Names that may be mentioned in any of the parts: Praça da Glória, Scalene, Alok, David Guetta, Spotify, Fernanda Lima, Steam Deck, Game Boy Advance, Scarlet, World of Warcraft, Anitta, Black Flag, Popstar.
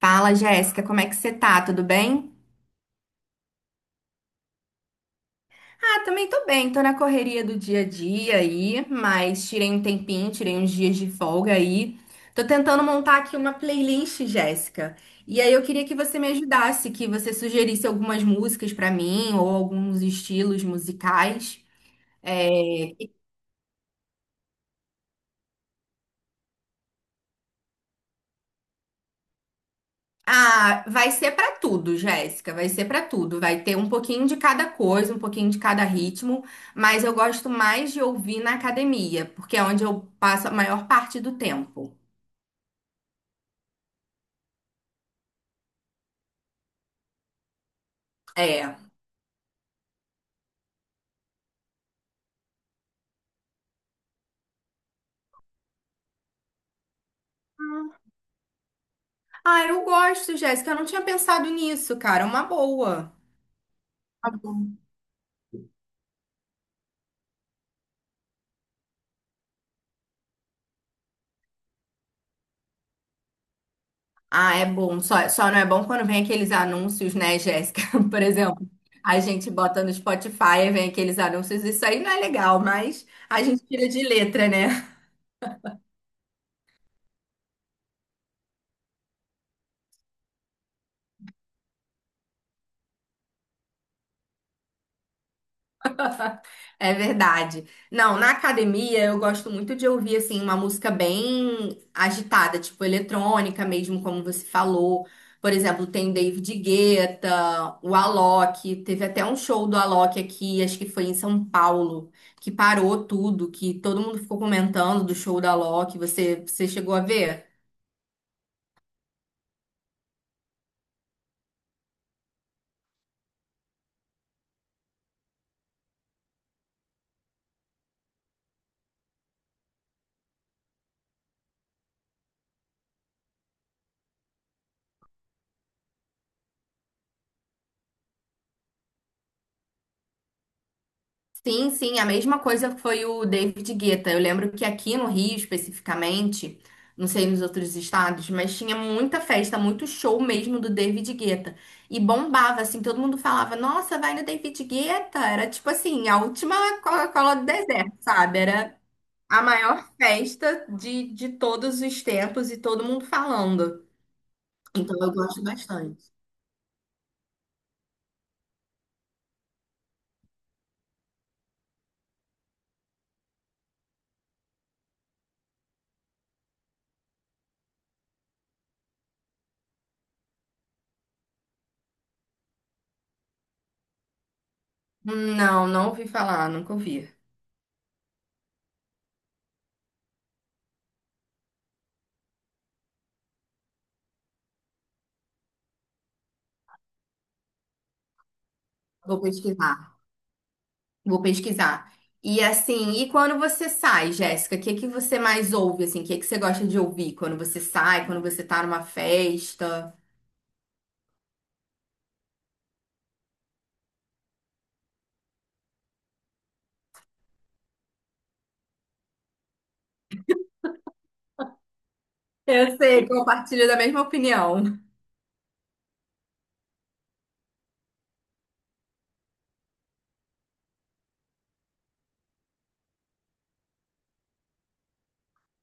Fala, Jéssica, como é que você tá? Tudo bem? Ah, também tô bem, tô na correria do dia a dia aí, mas tirei um tempinho, tirei uns dias de folga aí. Tô tentando montar aqui uma playlist, Jéssica. E aí eu queria que você me ajudasse, que você sugerisse algumas músicas pra mim ou alguns estilos musicais. É, Ah, vai ser pra tudo, Jéssica, vai ser pra tudo. Vai ter um pouquinho de cada coisa, um pouquinho de cada ritmo, mas eu gosto mais de ouvir na academia, porque é onde eu passo a maior parte do tempo. É. Ah, eu gosto, Jéssica, eu não tinha pensado nisso, cara, é uma boa. Tá bom. Ah, é bom. Só não é bom quando vem aqueles anúncios, né, Jéssica? Por exemplo, a gente bota no Spotify, e vem aqueles anúncios, isso aí não é legal, mas a gente tira de letra, né? É verdade. Não, na academia eu gosto muito de ouvir assim uma música bem agitada, tipo eletrônica mesmo, como você falou. Por exemplo, tem o David Guetta, o Alok, teve até um show do Alok aqui, acho que foi em São Paulo, que parou tudo, que todo mundo ficou comentando do show do Alok. Você chegou a ver? Sim, sim, a mesma coisa foi o David Guetta. Eu lembro que aqui no Rio, especificamente, não sei nos outros estados, mas tinha muita festa, muito show mesmo do David Guetta. E bombava, assim, todo mundo falava, nossa, vai no David Guetta. Era tipo assim, a última Coca-Cola do deserto, sabe? Era a maior festa de todos os tempos e todo mundo falando. Então eu gosto bastante. Não, não ouvi falar, nunca ouvi. Vou pesquisar. Vou pesquisar. E assim, e quando você sai, Jéssica, o que que você mais ouve assim? O que que você gosta de ouvir quando você sai, quando você tá numa festa? Eu sei, compartilho da mesma opinião.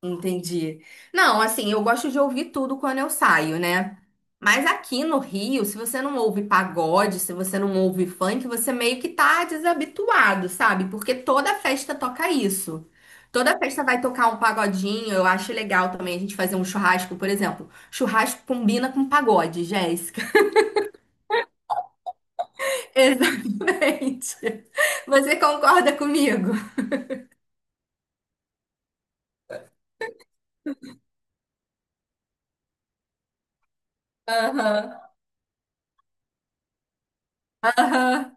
Entendi. Não, assim, eu gosto de ouvir tudo quando eu saio, né? Mas aqui no Rio, se você não ouve pagode, se você não ouve funk, você meio que tá desabituado, sabe? Porque toda festa toca isso. Toda festa vai tocar um pagodinho, eu acho legal também a gente fazer um churrasco, por exemplo. Churrasco combina com pagode, Jéssica. Exatamente. Você concorda comigo? Aham. Aham.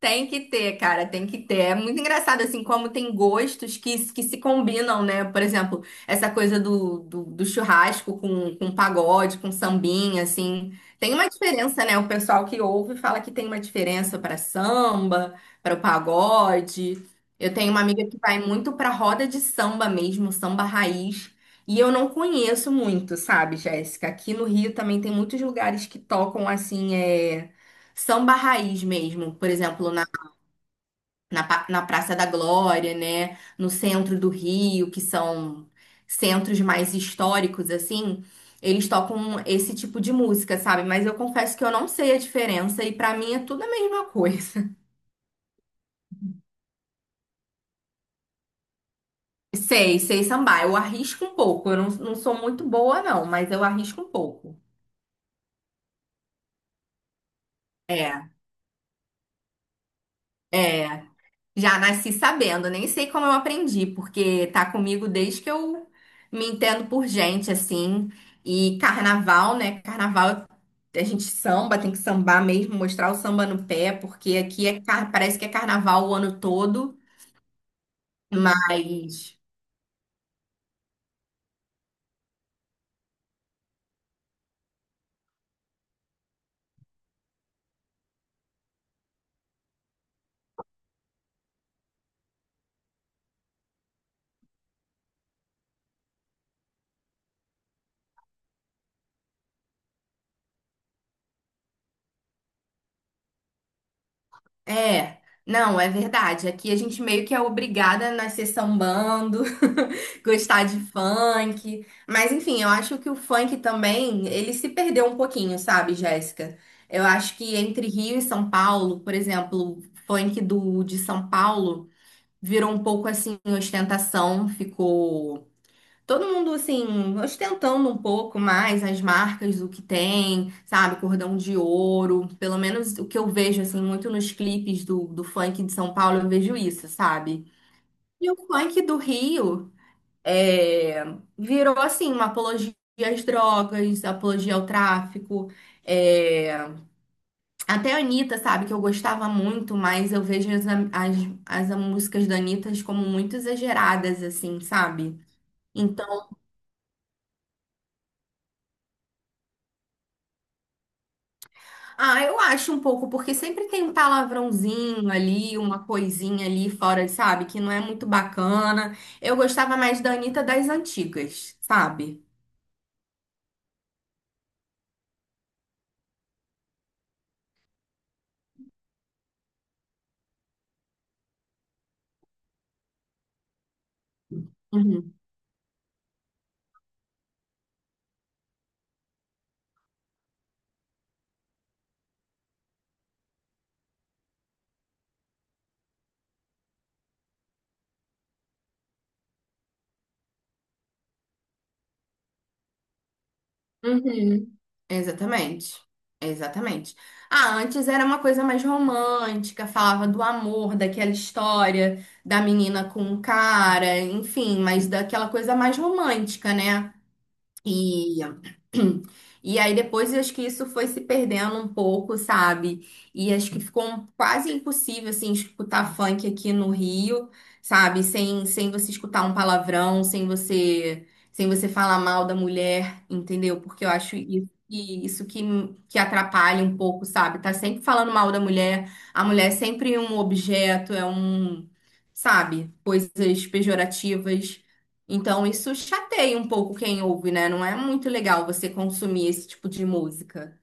Tem que ter, cara, tem que ter. É muito engraçado, assim, como tem gostos que se combinam, né? Por exemplo, essa coisa do churrasco com pagode, com sambinha, assim. Tem uma diferença, né? O pessoal que ouve fala que tem uma diferença para samba, para o pagode. Eu tenho uma amiga que vai muito para roda de samba mesmo, samba raiz. E eu não conheço muito, sabe, Jéssica? Aqui no Rio também tem muitos lugares que tocam, assim, samba raiz mesmo, por exemplo, na Praça da Glória, né? No centro do Rio, que são centros mais históricos, assim, eles tocam esse tipo de música, sabe? Mas eu confesso que eu não sei a diferença e pra mim é tudo a mesma coisa. Sei, sei sambar. Eu arrisco um pouco. Eu não sou muito boa, não, mas eu arrisco um pouco. É, é. Já nasci sabendo, nem sei como eu aprendi, porque tá comigo desde que eu me entendo por gente, assim. E carnaval, né? Carnaval, a gente samba, tem que sambar mesmo, mostrar o samba no pé, porque aqui é, parece que é carnaval o ano todo, mas. É, não, é verdade. Aqui a gente meio que é obrigada a nascer sambando, gostar de funk. Mas enfim, eu acho que o funk também, ele se perdeu um pouquinho, sabe, Jéssica? Eu acho que entre Rio e São Paulo, por exemplo, o funk do de São Paulo virou um pouco assim ostentação, ficou todo mundo, assim, ostentando um pouco mais as marcas do que tem, sabe? Cordão de ouro. Pelo menos o que eu vejo, assim, muito nos clipes do funk de São Paulo, eu vejo isso, sabe? E o funk do Rio é, virou, assim, uma apologia às drogas, apologia ao tráfico. é, Até a Anitta, sabe? Que eu gostava muito, mas eu vejo as músicas da Anitta como muito exageradas, assim, sabe? então Ah, eu acho um pouco, porque sempre tem um palavrãozinho ali, uma coisinha ali fora, sabe? Que não é muito bacana. Eu gostava mais da Anitta das antigas, sabe? Uhum. Uhum. Exatamente. Exatamente. Ah, antes era uma coisa mais romântica, falava do amor, daquela história da menina com o cara, enfim, mas daquela coisa mais romântica, né? E, e aí depois eu acho que isso foi se perdendo um pouco, sabe? E acho que ficou quase impossível, assim, escutar funk aqui no Rio, sabe? Sem você escutar um palavrão, sem você falar mal da mulher, entendeu? Porque eu acho isso que que atrapalha um pouco, sabe? Tá sempre falando mal da mulher, a mulher é sempre um objeto, é um, sabe? Coisas pejorativas. Então isso chateia um pouco quem ouve, né? Não é muito legal você consumir esse tipo de música.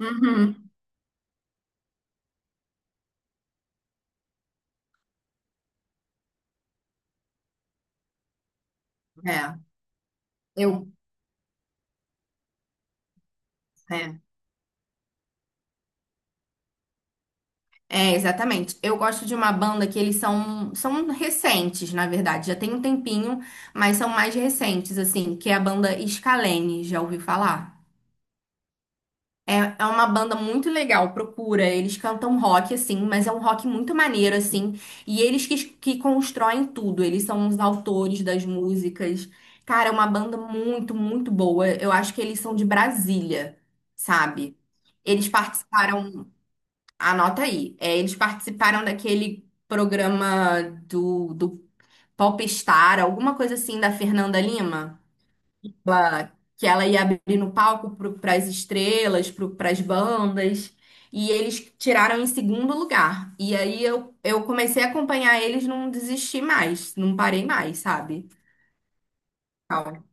Uhum. É, eu. É. É, exatamente. Eu gosto de uma banda que eles são recentes, na verdade. Já tem um tempinho, mas são mais recentes, assim, que é a banda Scalene. Já ouviu falar? É, é uma banda muito legal, procura. Eles cantam rock, assim, mas é um rock muito maneiro, assim. E eles que constroem tudo, eles são os autores das músicas. Cara, é uma banda muito, muito boa. Eu acho que eles são de Brasília, sabe? Eles participaram, anota aí, é, eles participaram daquele programa do Popstar, alguma coisa assim, da Fernanda Lima que ela ia abrir no palco para as estrelas, para as bandas, e eles tiraram em segundo lugar. E aí eu comecei a acompanhar eles, não desisti mais, não parei mais, sabe? Calma.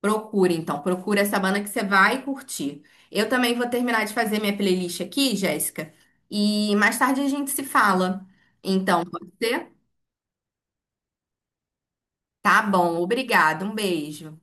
Procura então, procura essa banda que você vai curtir. Eu também vou terminar de fazer minha playlist aqui, Jéssica, e mais tarde a gente se fala. Então, pode ser? Tá bom, obrigada, um beijo.